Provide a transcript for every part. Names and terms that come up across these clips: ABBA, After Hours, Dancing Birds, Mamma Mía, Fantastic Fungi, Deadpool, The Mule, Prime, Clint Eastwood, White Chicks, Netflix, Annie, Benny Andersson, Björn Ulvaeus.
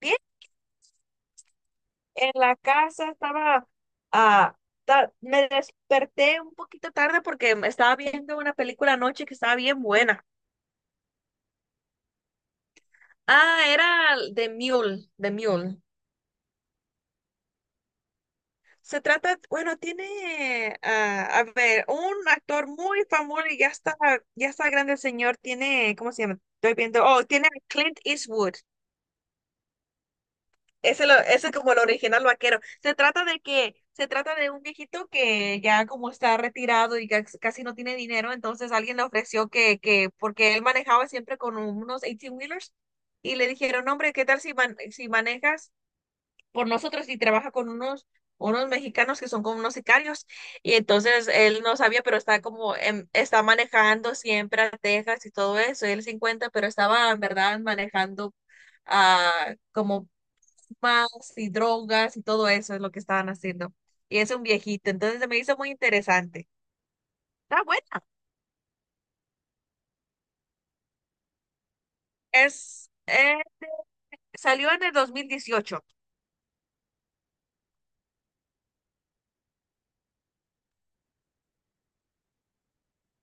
Bien, en la casa estaba. ah, Me desperté un poquito tarde porque me estaba viendo una película anoche que estaba bien buena. Era The Mule, The Mule. Se trata, bueno, tiene, a ver, un actor muy famoso y ya está grande el señor, tiene, ¿cómo se llama? Estoy viendo, oh, tiene a Clint Eastwood. Ese, lo, ese es como el original vaquero. Se trata de un viejito que ya como está retirado y casi no tiene dinero, entonces alguien le ofreció porque él manejaba siempre con unos eighteen wheelers y le dijeron: "No, hombre, ¿qué tal si, si manejas por nosotros y trabaja con unos, unos mexicanos que son como unos sicarios?" Y entonces él no sabía, pero está como, está manejando siempre a Texas y todo eso, y él se encuentra, pero estaba en verdad manejando a como más y drogas y todo eso es lo que estaban haciendo. Y es un viejito, entonces se me hizo muy interesante. Está buena. Es, salió en el 2018.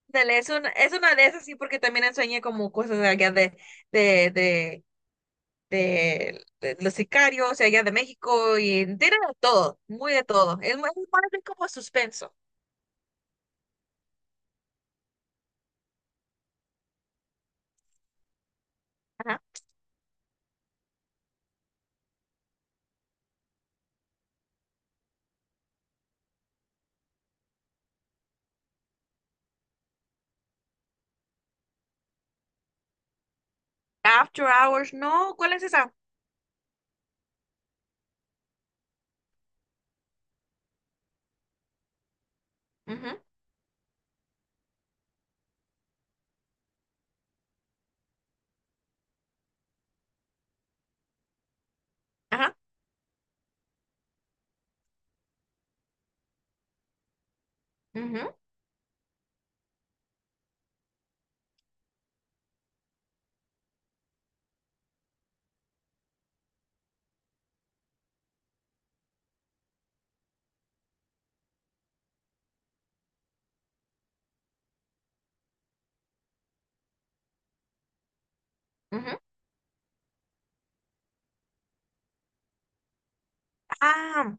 Dale, es, es una de esas, sí, porque también enseñé como cosas de allá de, de, de, de los sicarios, y allá de México, y tiene de todo, muy de todo. Es, es más bien como suspenso. Ajá. After Hours, no, ¿cuál es esa? Ujú. Ajá. Ujú, ujú. Ah,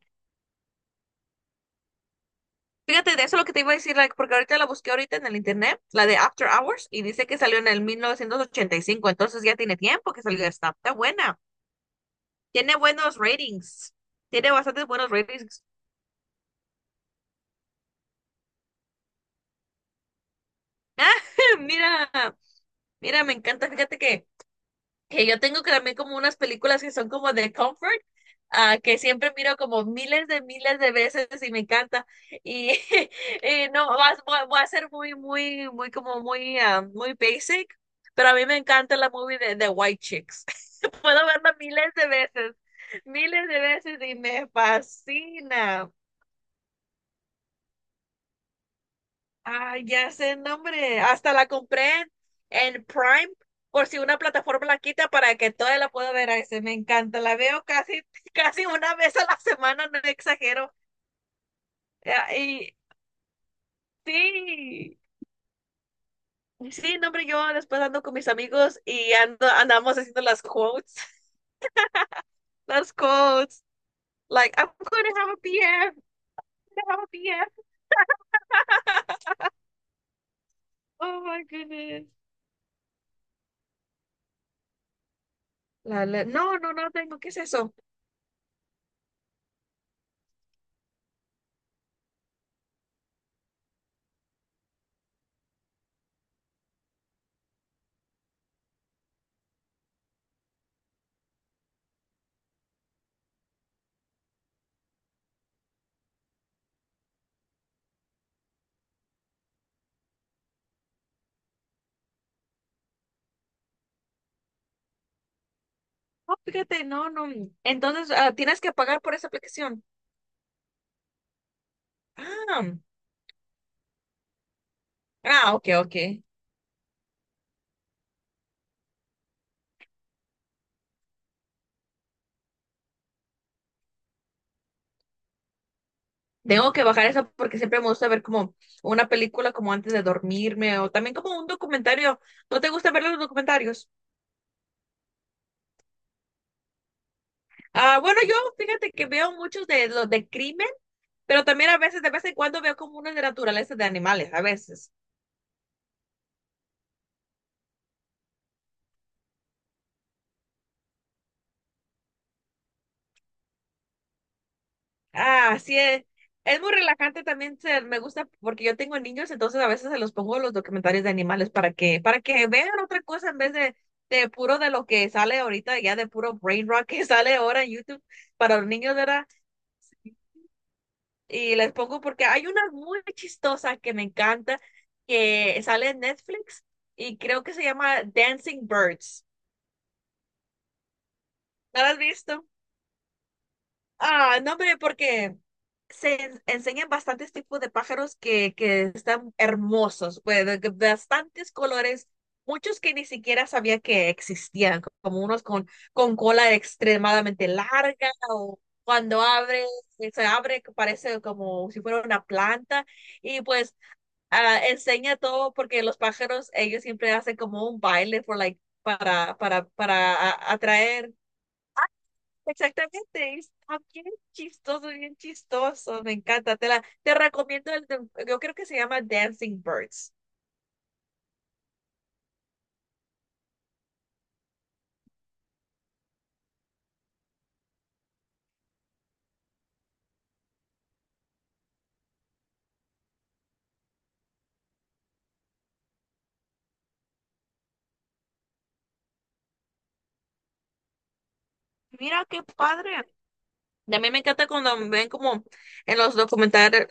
Fíjate, de eso lo que te iba a decir, like, porque ahorita la busqué ahorita en el internet, la de After Hours, y dice que salió en el 1985, entonces ya tiene tiempo que salió esta. Está buena. Tiene buenos ratings. Tiene bastantes buenos ratings. Ah, mira, mira, me encanta. Fíjate que yo tengo que también como unas películas que son como de comfort, que siempre miro como miles de veces y me encanta. Y y no, voy a ser muy, muy, muy como muy, muy basic, pero a mí me encanta la movie de White Chicks. Puedo verla miles de veces y me fascina. Ah, ya sé el nombre. Hasta la compré en Prime por si una plataforma la quita para que toda la pueda ver. Ay, se me encanta. La veo casi, casi una vez a la semana, no exagero. Eh, Y sí, sí, no, hombre, yo después ando con mis amigos y ando, andamos haciendo las quotes, las quotes. Like, I'm gonna have a PF, I'm gonna have a PF. Oh my goodness. No, no, no tengo. ¿Qué es eso? No, fíjate, no, no. Entonces, tienes que pagar por esa aplicación. Ah, ok, ok. Tengo que bajar eso porque siempre me gusta ver como una película como antes de dormirme o también como un documentario. ¿No te gusta ver los documentarios? Bueno, yo fíjate que veo muchos de los de crimen, pero también a veces, de vez en cuando veo como unos de naturaleza de animales, a veces. Ah, sí, es muy relajante también, ser me gusta porque yo tengo niños, entonces a veces se los pongo los documentales de animales para que vean otra cosa en vez de puro de lo que sale ahorita, ya de puro brain rock que sale ahora en YouTube para los niños, ¿verdad? Y les pongo porque hay una muy chistosa que me encanta, que sale en Netflix y creo que se llama Dancing Birds. ¿No la has visto? No, hombre, porque enseñan bastantes tipos de pájaros que están hermosos, pues, de bastantes colores, muchos que ni siquiera sabía que existían, como unos con cola extremadamente larga o cuando abre, se abre, que parece como si fuera una planta y pues enseña todo porque los pájaros, ellos siempre hacen como un baile for, like, para atraer. Exactamente, es bien chistoso, me encanta, te la, te recomiendo el, yo creo que se llama Dancing Birds. Mira qué padre. Y a mí me encanta cuando me ven como en los documentales,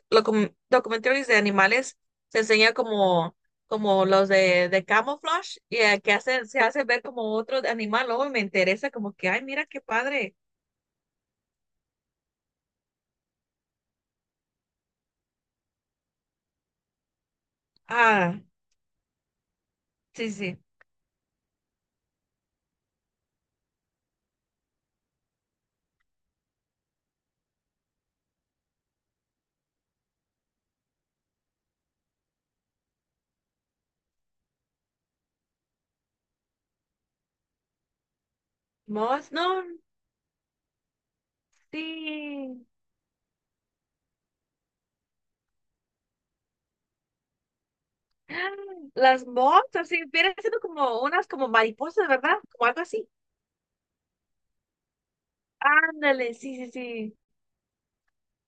documentarios de animales, se enseña como, como los de camouflage, y que hacen, se hace ver como otro animal, luego me interesa como que, ay, mira qué padre. Ah, sí, sí. Mos, no, sí. Las moths, así, vienen siendo como unas como mariposas, ¿verdad? Como algo así. Ándale, sí, sí, sí.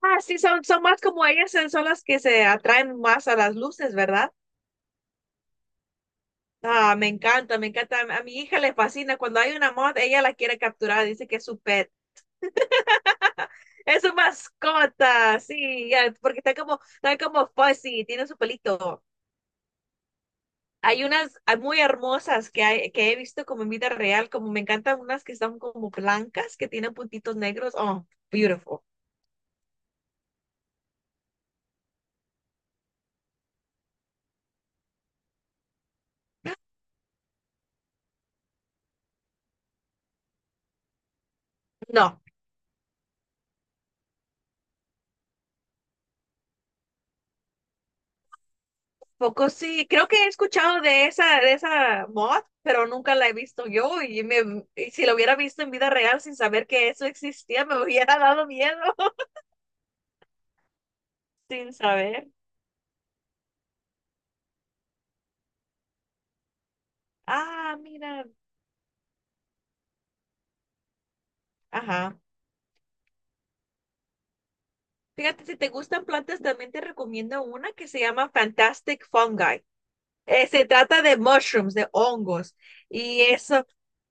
Ah, sí, son, son más como ellas, son las que se atraen más a las luces, ¿verdad? Ah, me encanta, me encanta. A mi hija le fascina. Cuando hay una moth, ella la quiere capturar, dice que es su pet. Es su mascota, sí, ya, porque está como fuzzy, tiene su pelito. Hay unas muy hermosas que, que he visto como en vida real, como me encantan unas que están como blancas, que tienen puntitos negros. Oh, beautiful. No, poco sí. Creo que he escuchado de esa mod, pero nunca la he visto yo. Y, me, y si la hubiera visto en vida real sin saber que eso existía, me hubiera dado miedo sin saber. Ah, mira. Ajá. Fíjate, si te gustan plantas, también te recomiendo una que se llama Fantastic Fungi. Se trata de mushrooms, de hongos. Y eso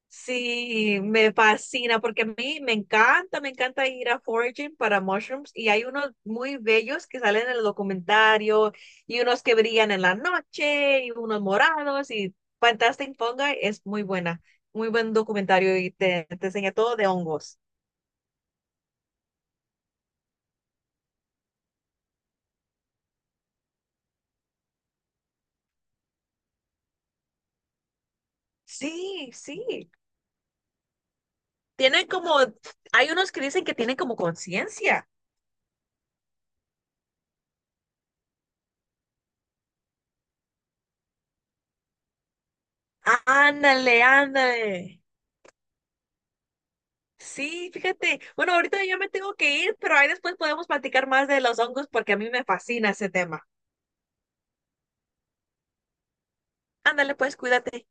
sí me fascina porque a mí me encanta ir a foraging para mushrooms. Y hay unos muy bellos que salen en el documentario y unos que brillan en la noche y unos morados y Fantastic Fungi es muy buena, muy buen documentario y te enseña todo de hongos. Sí, sí. Tienen como, hay unos que dicen que tienen como conciencia. Ándale, ándale. Sí, fíjate. Bueno, ahorita ya me tengo que ir, pero ahí después podemos platicar más de los hongos porque a mí me fascina ese tema. Ándale, pues, cuídate.